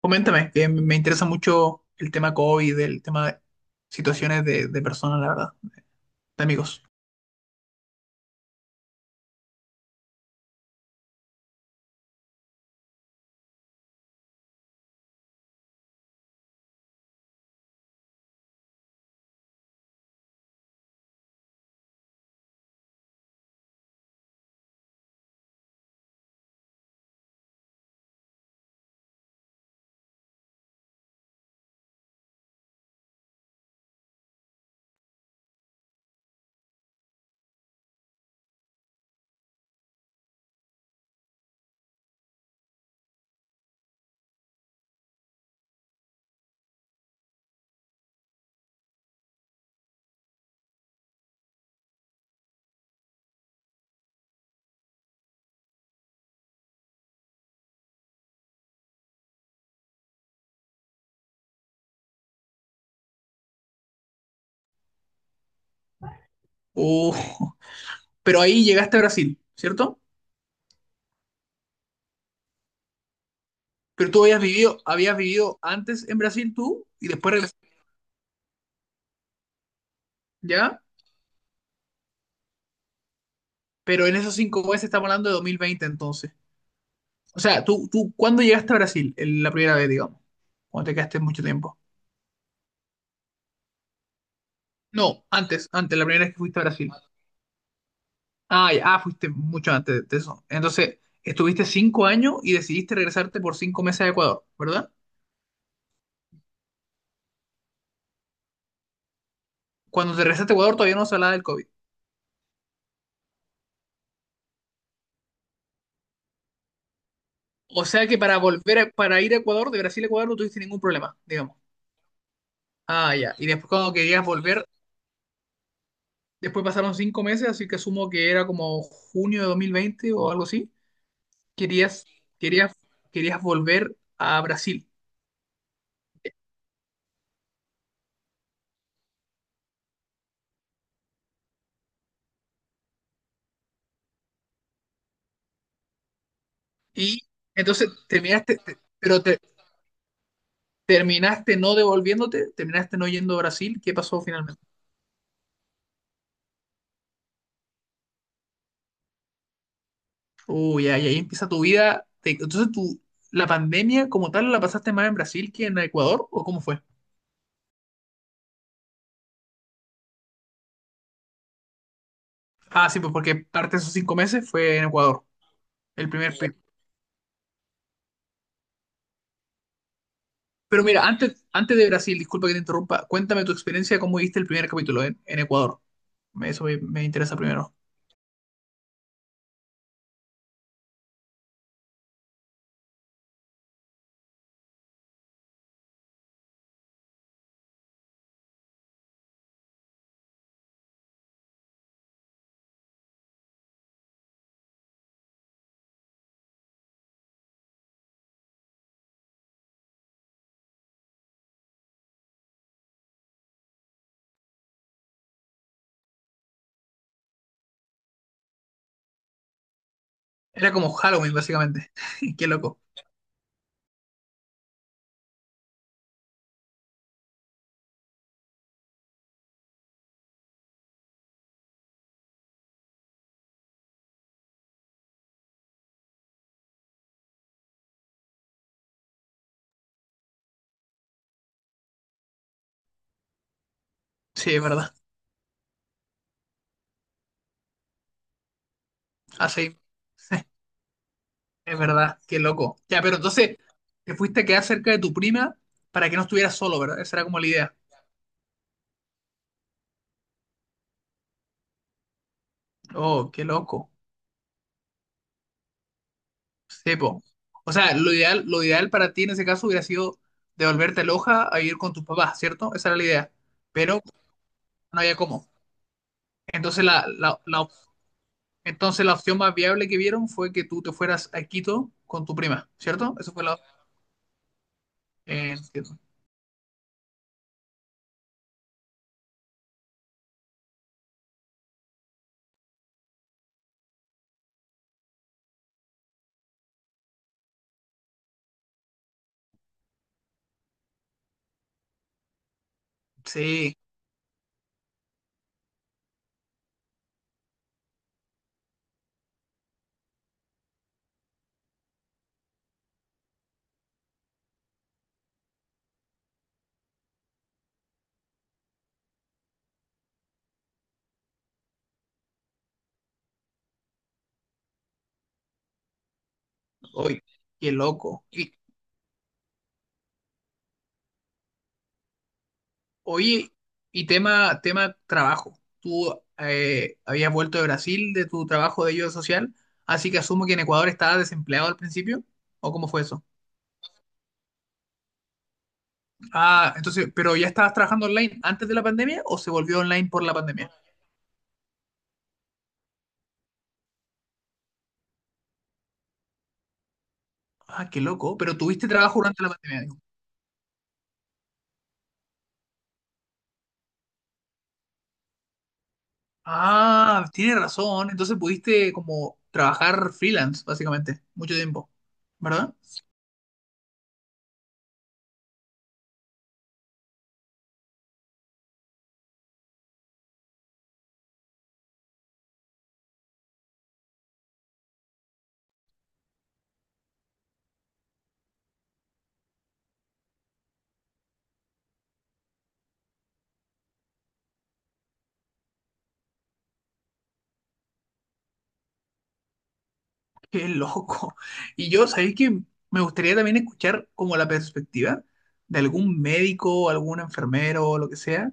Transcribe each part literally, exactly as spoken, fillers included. Coméntame, que me interesa mucho el tema COVID, el tema de situaciones de, de personas, la verdad, de amigos. Uh, pero ahí llegaste a Brasil, ¿cierto? Pero tú habías vivido, habías vivido antes en Brasil tú y después regresaste, ¿ya? Pero en esos cinco meses estamos hablando de dos mil veinte, entonces. O sea, tú, tú, ¿cuándo llegaste a Brasil? El- la primera vez, digamos. Cuando te quedaste mucho tiempo. No, antes, antes, la primera vez que fuiste a Brasil. Ah, ya, ah, fuiste mucho antes de eso. Entonces, estuviste cinco años y decidiste regresarte por cinco meses a Ecuador, ¿verdad? Cuando te regresaste a Ecuador todavía no se hablaba del COVID. O sea que para volver, a- para ir a Ecuador, de Brasil a Ecuador no tuviste ningún problema, digamos. Ah, ya. Y después cuando querías volver, después pasaron cinco meses, así que asumo que era como junio de dos mil veinte o algo así. Querías, querías, querías volver a Brasil. Y entonces terminaste, te- pero te, terminaste no devolviéndote, terminaste no yendo a Brasil. ¿Qué pasó finalmente? Uy, ahí ahí empieza tu vida. Te- Entonces, tú, ¿la pandemia como tal la pasaste más en Brasil que en Ecuador? ¿O cómo fue? Ah, sí, pues porque parte de esos cinco meses fue en Ecuador, el primer... Sí. pe- Pero mira, antes, antes de Brasil, disculpa que te interrumpa, cuéntame tu experiencia, cómo viste el primer capítulo en, en Ecuador. Me- Eso me, me interesa primero. Era como Halloween, básicamente. Qué loco. Sí, es verdad. Así. Es verdad, qué loco. Ya, pero entonces te fuiste a quedar cerca de tu prima para que no estuvieras solo, ¿verdad? Esa era como la idea. Oh, qué loco. Sepo. O sea, lo ideal, lo ideal para ti en ese caso hubiera sido devolverte a Loja a ir con tus papás, ¿cierto? Esa era la idea. Pero no había cómo. Entonces la, la, la op- entonces la opción más viable que vieron fue que tú te fueras a Quito con tu prima, ¿cierto? Eso fue la... eh, entiendo. Sí, hoy, qué loco. Y, Oye, y tema, tema trabajo. Tú eh, habías vuelto de Brasil de tu trabajo de ayuda social, así que asumo que en Ecuador estabas desempleado al principio, ¿o cómo fue eso? Ah, entonces, ¿pero ya estabas trabajando online antes de la pandemia o se volvió online por la pandemia? Ah, qué loco, pero tuviste trabajo durante la pandemia, digo. Ah, tienes razón, entonces pudiste como trabajar freelance, básicamente, mucho tiempo, ¿verdad? Qué loco. Y yo, sabéis que me gustaría también escuchar como la perspectiva de algún médico, algún enfermero o lo que sea,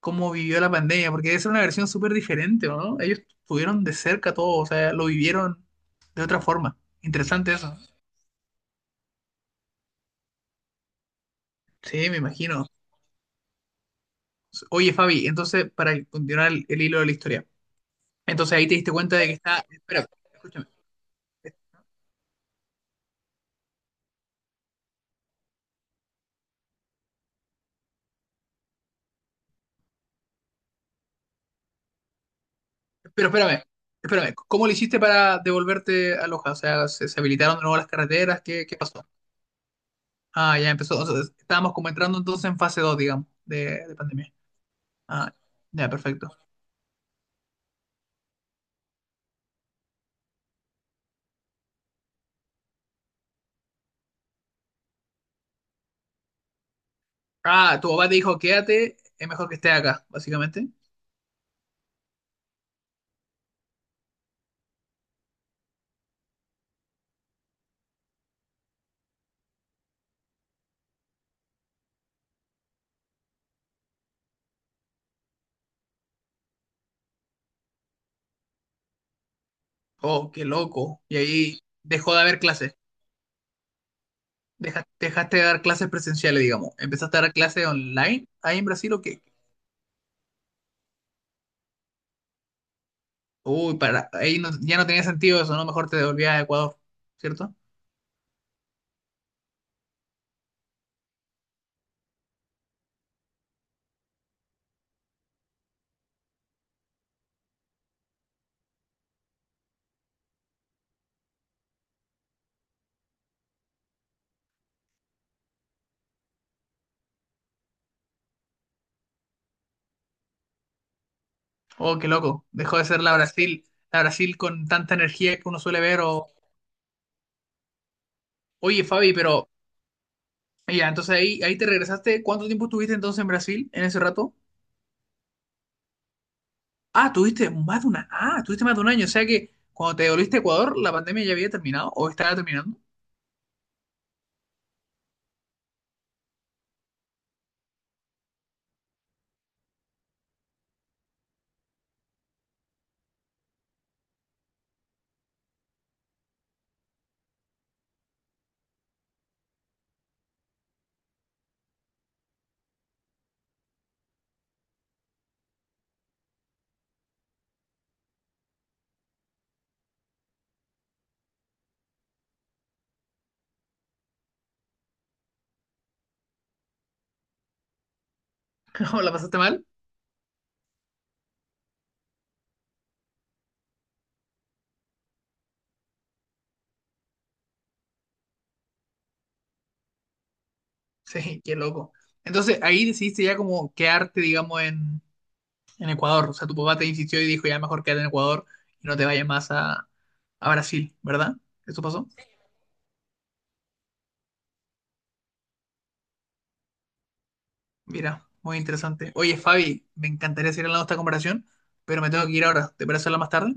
cómo vivió la pandemia, porque debe ser una versión súper diferente, ¿o no? Ellos estuvieron de cerca todo, o sea, lo vivieron de otra forma. Interesante eso. Sí, me imagino. Oye, Fabi, entonces, para continuar el, el hilo de la historia, entonces ahí te diste cuenta de que está. Espera, escúchame. Pero espérame, espérame. ¿Cómo lo hiciste para devolverte a Loja? O sea, ¿se, se habilitaron de nuevo las carreteras? ¿Qué, qué pasó? Ah, ya empezó, o sea, estábamos como entrando entonces en fase dos, digamos, de, de pandemia. Ah, ya, perfecto. Ah, tu papá te dijo, quédate, es mejor que estés acá, básicamente. Oh, qué loco. Y ahí dejó de haber clases. Deja- Dejaste, de dar clases presenciales, digamos. Empezaste a dar clases online ahí en Brasil o qué. Uy, para, ahí no- ya no tenía sentido eso, ¿no? Mejor te devolvías a Ecuador, ¿cierto? Oh, qué loco. Dejó de ser la Brasil, la Brasil con tanta energía que uno suele ver. O... Oye, Fabi, pero y ya, entonces ahí, ahí te regresaste. ¿Cuánto tiempo estuviste entonces en Brasil en ese rato? Ah, tuviste más de una, ah, tuviste más de un año. O sea que cuando te devolviste a Ecuador, la pandemia ya había terminado o estaba terminando. ¿O la pasaste mal? Sí, qué loco. Entonces ahí decidiste ya como quedarte, digamos, en, en Ecuador. O sea, tu papá te insistió y dijo, ya mejor quédate en Ecuador y no te vayas más a, a, Brasil, ¿verdad? ¿Eso pasó? Mira, muy interesante. Oye, Fabi, me encantaría seguir hablando de esta comparación, pero me tengo que ir ahora. ¿Te parece hablar más tarde?